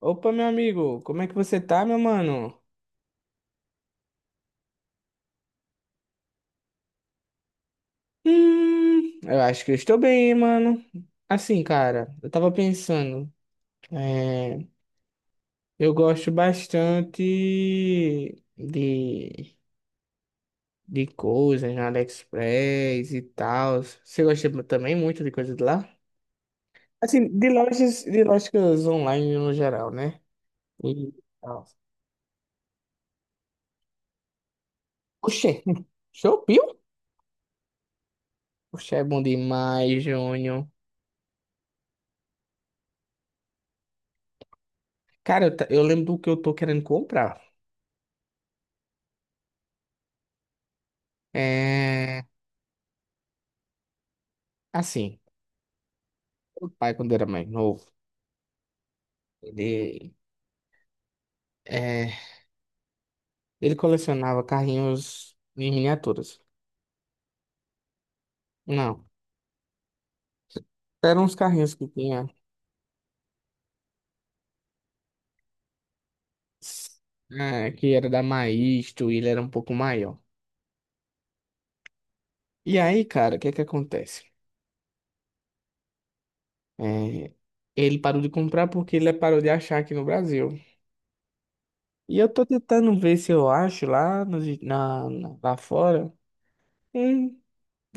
Opa, meu amigo, como é que você tá, meu mano? Eu acho que eu estou bem, hein, mano. Assim, cara, eu tava pensando, é, eu gosto bastante de, de coisas na AliExpress e tal. Você gosta também muito de coisas de lá? Assim, de lojas online no geral, né? E tal. Oxê, Shopee? Oxê, é bom demais, Júnior. Cara, eu lembro do que eu tô querendo comprar. É, assim, o pai, quando era mais novo, ele, é, ele colecionava carrinhos em miniaturas. Não, eram uns carrinhos que tinha, que era da Maisto, e ele era um pouco maior. E aí, cara, o que que acontece? É, Ele parou de comprar porque ele parou de achar aqui no Brasil. E eu tô tentando ver se eu acho lá, nos na, na- lá fora um,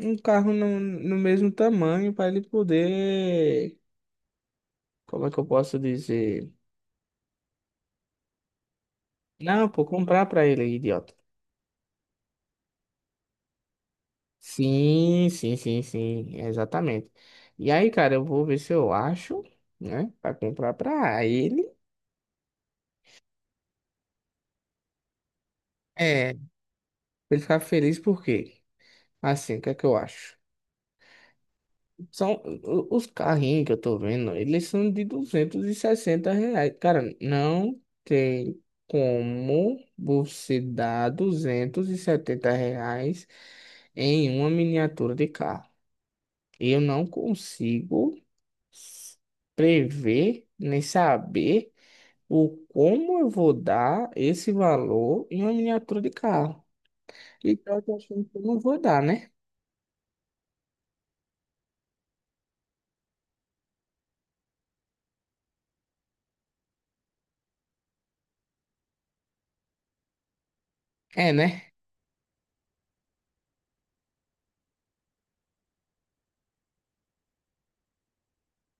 um carro no mesmo tamanho para ele poder. Como é que eu posso dizer? Não, pô, comprar pra ele, idiota. Sim, sim, sim, sim, exatamente. E aí, cara, eu vou ver se eu acho, né, pra comprar pra ele. Pra ele ficar feliz por quê? Assim, o que é que eu acho? São os carrinhos que eu tô vendo, eles são de R$ 260. Cara, não tem como você dar R$ 270 em uma miniatura de carro. Eu não consigo s- prever nem saber o como eu vou dar esse valor em uma miniatura de carro. E pior que eu tô achando que eu não vou dar, né? É, né?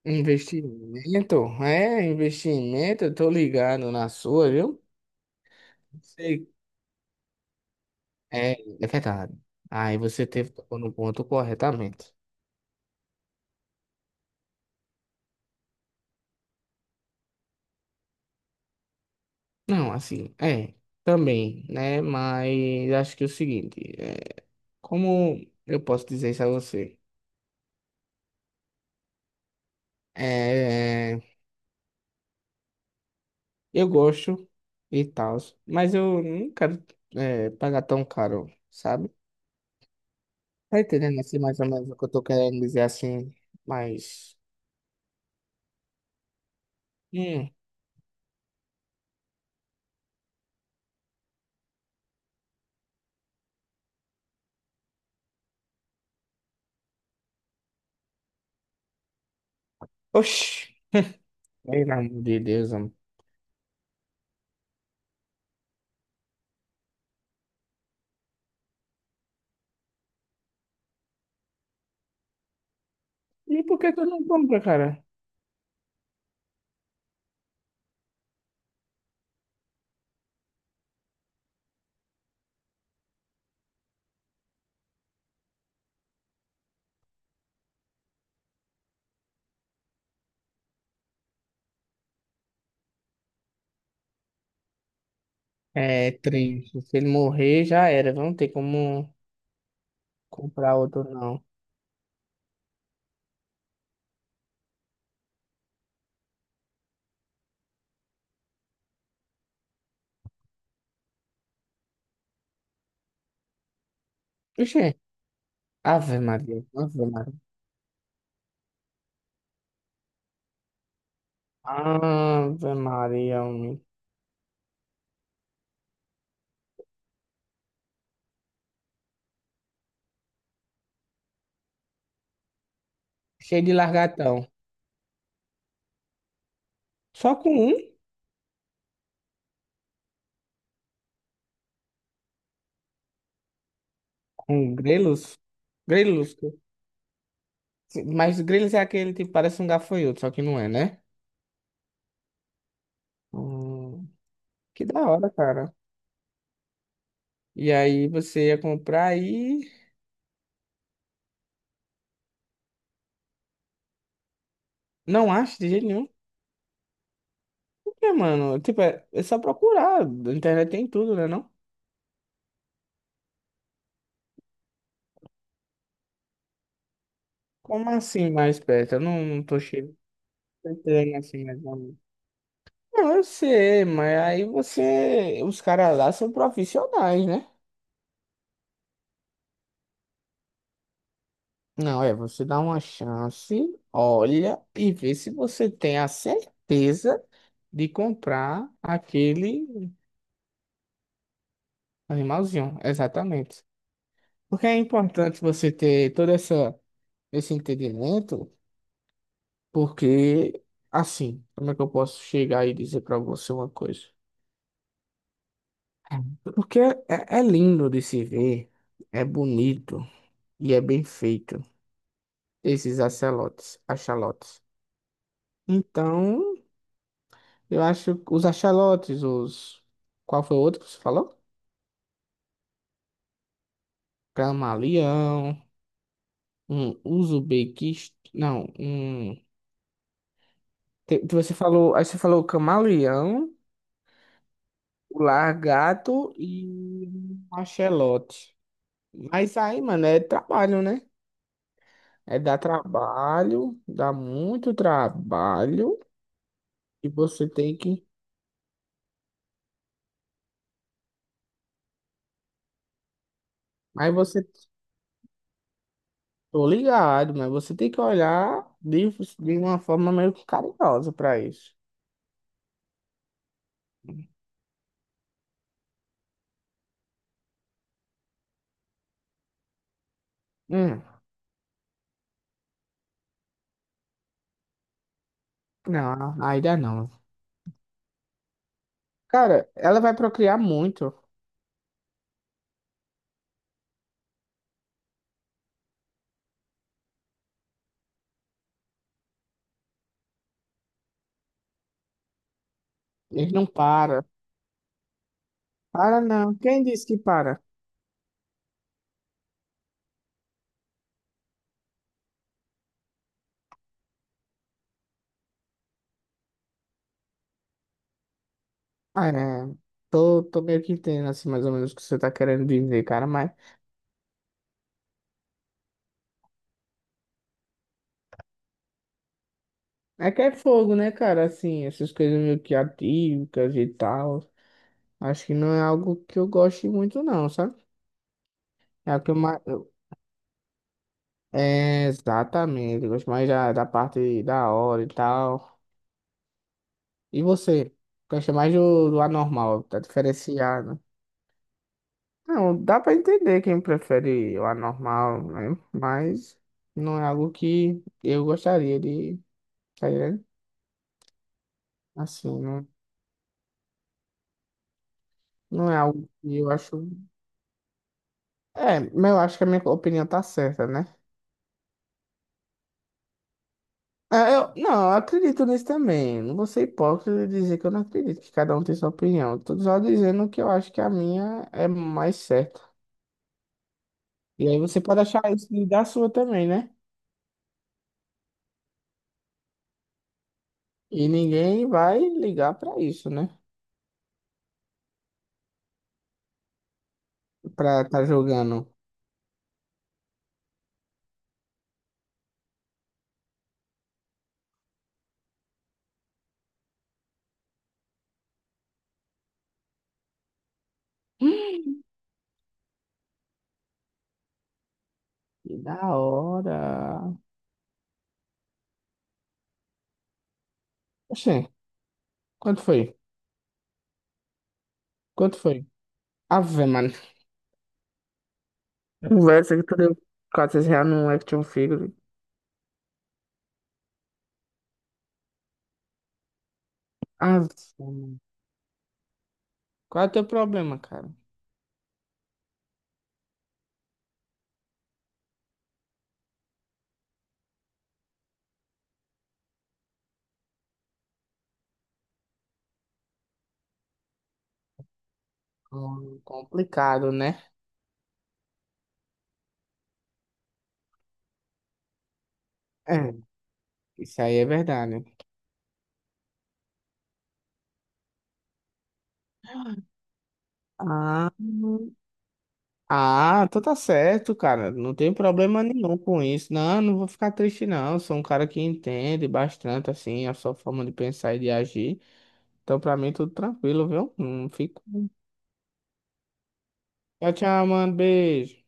Investimento, investimento, eu tô ligado na sua, viu? Sei. É, é verdade. Aí você teve tocou no ponto corretamente. Não, assim, também, né? Mas acho que é o seguinte, como eu posso dizer isso a você? É, eu gosto e tal, mas eu não quero pagar tão caro, sabe? Tá entendendo assim mais ou menos o que eu tô querendo dizer assim, mas... Hum. Oxi, pelo amor de Deus, amor. E por que tu não compra, cara? É triste, se ele morrer já era, não tem como comprar outro não. Oxê, Ave Maria, Ave Maria. Ave Maria, homem. Cheio de largatão. Só com um? Com grelos? Grelos? Mas Grylls é aquele tipo, parece um gafanhoto, só que não é, né? Hum, que da hora, cara. E aí você ia comprar e não acha de jeito nenhum. Por quê, mano? Tipo, é só procurar. Na internet tem tudo, né, não? Como assim mais perto? Eu não tô cheio. Tô entendendo assim, né? Mano? Não, eu sei, mas aí você. Os caras lá são profissionais, né? Não, você dá uma chance, olha e vê se você tem a certeza de comprar aquele animalzinho, exatamente. Porque é importante você ter todo esse entendimento, porque, assim, como é que eu posso chegar e dizer para você uma coisa? Porque é lindo de se ver, é bonito e é bem feito, esses axolotes, axolotes. Então, eu acho que os axolotes, os... Qual foi o outro que você falou? Camaleão, um uso Não, um... Você falou, aí você falou o camaleão, o largato e o axolote. Mas aí, mano, é trabalho, né? É dar trabalho, dá muito trabalho e você tem que. Mas você, tô ligado, mas você tem que olhar de, uma forma meio que carinhosa pra isso. Hum, não, ainda não. Cara, ela vai procriar muito. Ele não para. Para não. Quem disse que para? Ah, é, tô meio que entendendo, assim, mais ou menos o que você tá querendo dizer, cara, mas é que é fogo, né, cara, assim, essas coisas meio que atívicas e tal, acho que não é algo que eu goste muito, não, sabe? É o que eu mais... eu- É, exatamente, eu gosto mais da parte da hora e tal. E você? Gosta mais do anormal, tá diferenciado. Não, dá pra entender quem prefere o anormal, né, mas não é algo que eu gostaria de, tá ligado? Assim, não. Não é algo que eu acho. É, mas eu acho que a minha opinião tá certa, né? É, eu, não, eu acredito nisso também. Não vou ser hipócrita de dizer que eu não acredito, que cada um tem sua opinião. Eu tô só dizendo que eu acho que a minha é mais certa. E aí você pode achar isso e da sua também, né? E ninguém vai ligar pra isso, né? Pra tá jogando. Que da hora. Oxê, quanto foi? Quanto foi? Ave, mano. Conversa que tu deu R$ 400 num action figure. Ave, mano. Qual é o teu problema, cara? Complicado, né? É, isso aí é verdade. Ah, ah, então tá certo, cara. Não tem problema nenhum com isso. Não, não vou ficar triste, não. Sou um cara que entende bastante, assim, a sua forma de pensar e de agir. Então, pra mim, tudo tranquilo, viu? Não fico. Tchau, tchau, mano. Beijo.